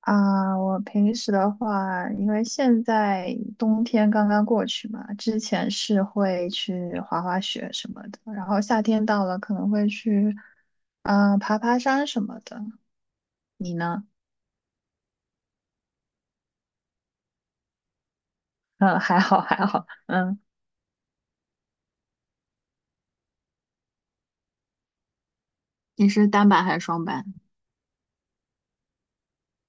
啊，我平时的话，因为现在冬天刚刚过去嘛，之前是会去滑滑雪什么的，然后夏天到了可能会去，爬爬山什么的。你呢？嗯，还好还好，你是单板还是双板？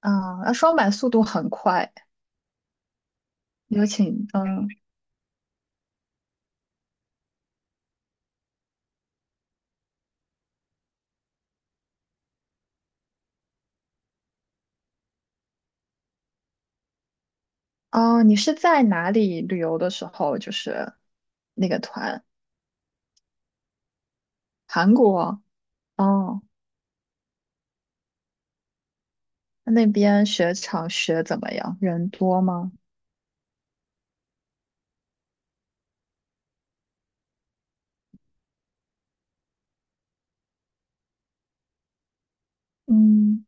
啊，那双板速度很快，有请，哦，你是在哪里旅游的时候，就是那个团，韩国，哦，那边雪场雪怎么样？人多吗？嗯，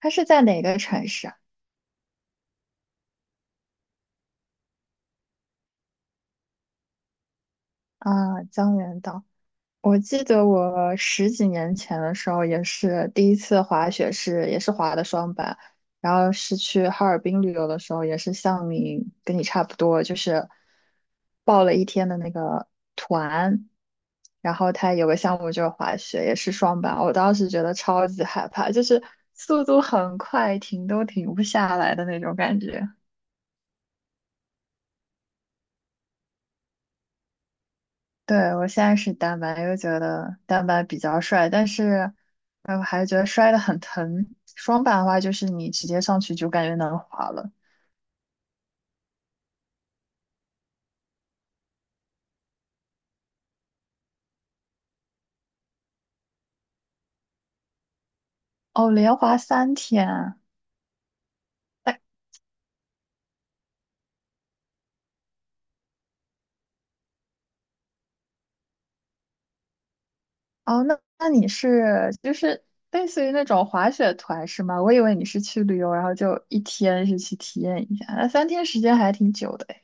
它是在哪个城市啊？啊，江原道。我记得我十几年前的时候，也是第一次滑雪是，也是滑的双板，然后是去哈尔滨旅游的时候，也是像跟你差不多，就是报了一天的那个团，然后它有个项目就是滑雪，也是双板，我当时觉得超级害怕，就是速度很快，停都停不下来的那种感觉。对，我现在是单板，又觉得单板比较帅，但是，哎，我还觉得摔得很疼。双板的话，就是你直接上去就感觉能滑了。哦，连滑三天啊。哎，哦，那你是就是类似于那种滑雪团是吗？我以为你是去旅游，然后就一天是去体验一下，那三天时间还挺久的哎。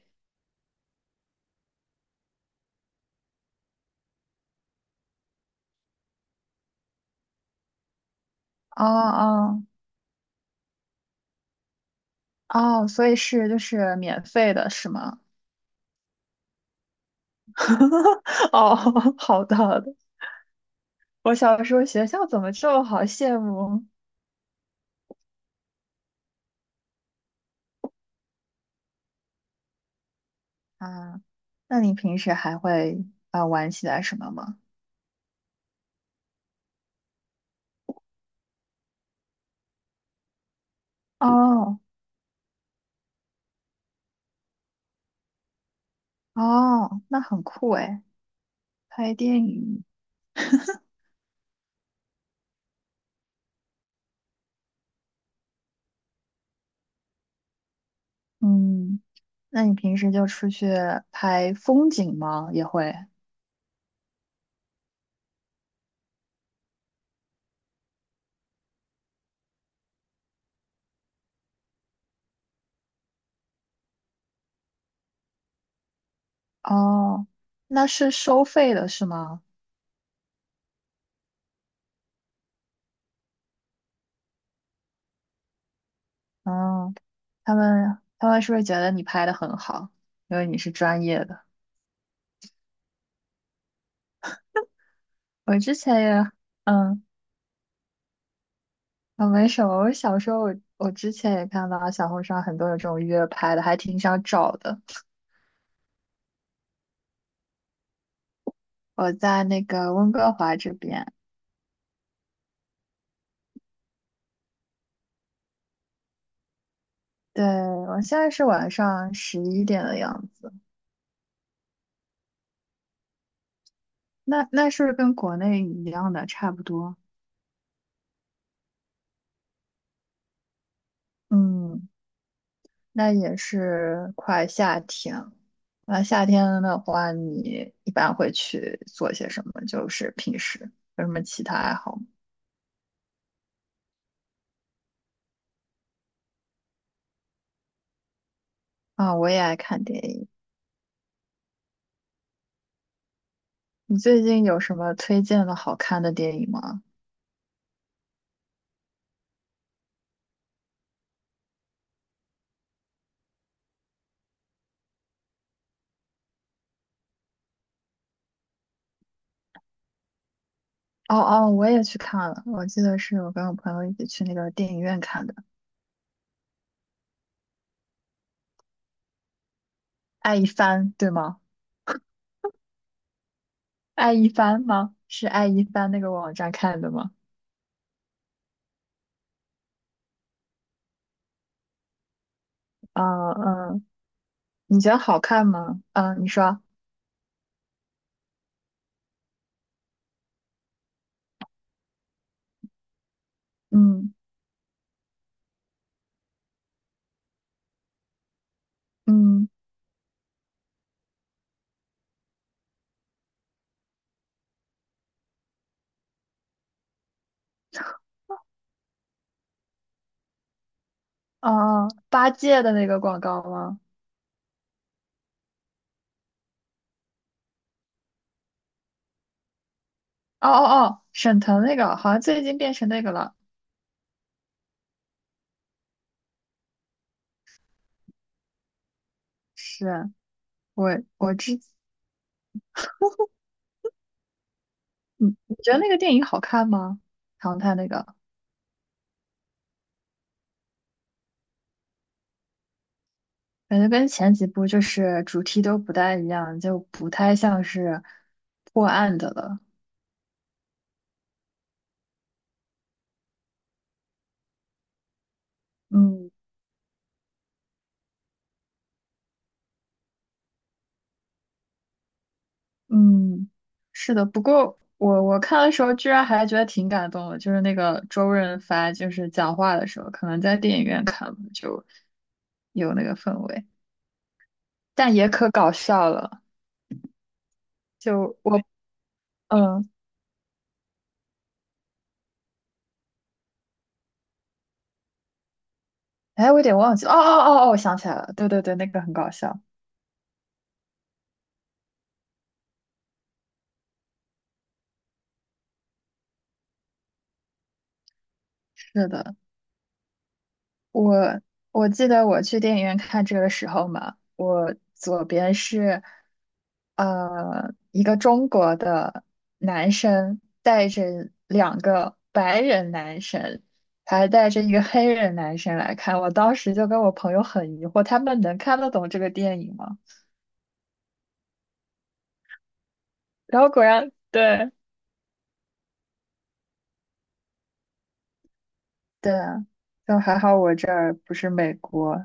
哦哦哦，所以是就是免费的是吗？哦，好的好的，我小时候学校怎么这么好羡慕啊？那你平时还会玩起来什么吗？哦哦，那很酷诶，拍电影。嗯，那你平时就出去拍风景吗？也会。哦，那是收费的是吗？哦，他们是不是觉得你拍的很好，因为你是专业的？我之前也，嗯。啊，没什么。我小时候我，我之前也看到小红书上很多有这种约拍的，还挺想找的。我在那个温哥华这边，对，我现在是晚上11点的样子。那是不是跟国内一样的，差不多。嗯，那也是快夏天了。那夏天的话，你一般会去做些什么？就是平时有什么其他爱好吗？啊，我也爱看电影。你最近有什么推荐的好看的电影吗？哦哦，我也去看了，我记得是我跟我朋友一起去那个电影院看的《爱一帆》，对吗？《爱一帆》吗？是《爱一帆》那个网站看的吗？啊、嗯，你觉得好看吗？嗯，你说，嗯嗯，哦哦，八戒的那个广告吗？哦哦哦，沈腾那个好像最近变成那个了。是，我我之，你觉得那个电影好看吗？唐探那个？感觉跟前几部就是主题都不太一样，就不太像是破案的了。嗯嗯，是的。不过我看的时候居然还觉得挺感动的，就是那个周润发就是讲话的时候，可能在电影院看吧就有那个氛围，但也可搞笑了。就我嗯，哎，我有点忘记了哦哦哦哦，我想起来了，对对对，那个很搞笑。是的。我我记得我去电影院看这个时候嘛，我左边是一个中国的男生带着两个白人男生，还带着一个黑人男生来看。我当时就跟我朋友很疑惑，他们能看得懂这个电影吗？然后果然，对对啊，就还好我这儿不是美国，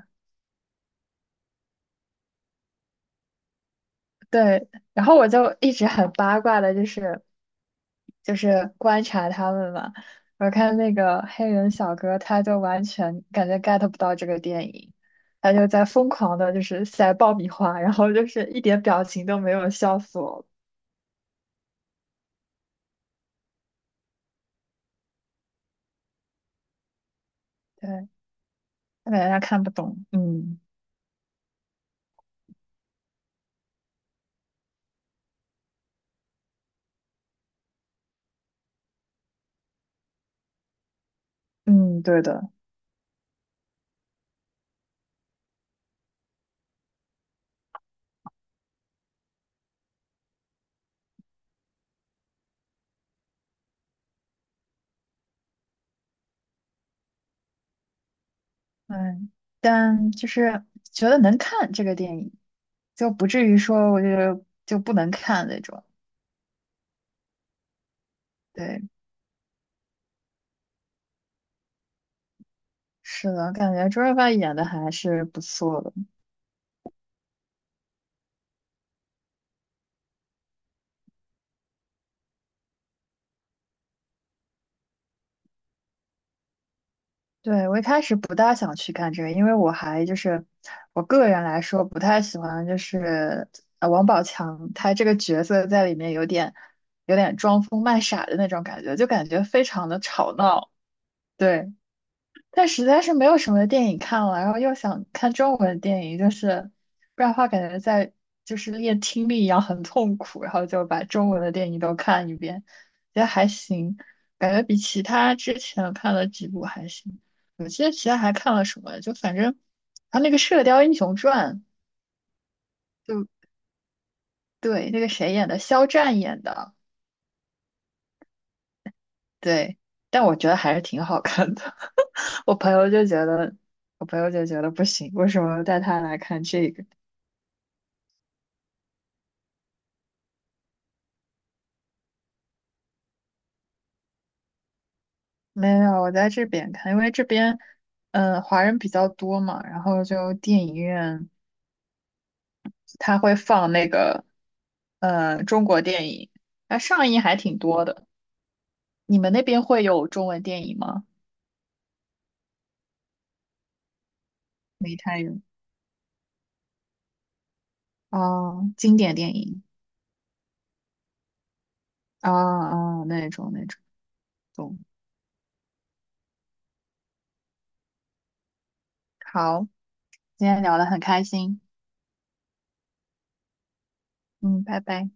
对，然后我就一直很八卦的，就是观察他们嘛。我看那个黑人小哥，他就完全感觉 get 不到这个电影，他就在疯狂的，就是塞爆米花，然后就是一点表情都没有，笑死我了。对，我感觉他看不懂。嗯嗯，对的，嗯，但就是觉得能看这个电影，就不至于说我就不能看那种。对。是的，感觉周润发演的还是不错的。对，我一开始不大想去看这个，因为我还就是我个人来说不太喜欢，就是王宝强他这个角色在里面有点装疯卖傻的那种感觉，就感觉非常的吵闹。对。但实在是没有什么电影看了，然后又想看中文电影，就是不然的话感觉在就是练听力一样很痛苦，然后就把中文的电影都看一遍，觉得还行，感觉比其他之前看了几部还行。我记得其他还看了什么，就反正他那个《射雕英雄传》就对那个谁演的，肖战演的，对，但我觉得还是挺好看的。我朋友就觉得，我朋友就觉得不行，为什么带他来看这个？没有，我在这边看，因为这边，华人比较多嘛，然后就电影院它会放那个，中国电影，那上映还挺多的。你们那边会有中文电影吗？没太有啊，经典电影啊啊、哦哦那种那种，懂。好，今天聊得很开心，嗯，拜拜。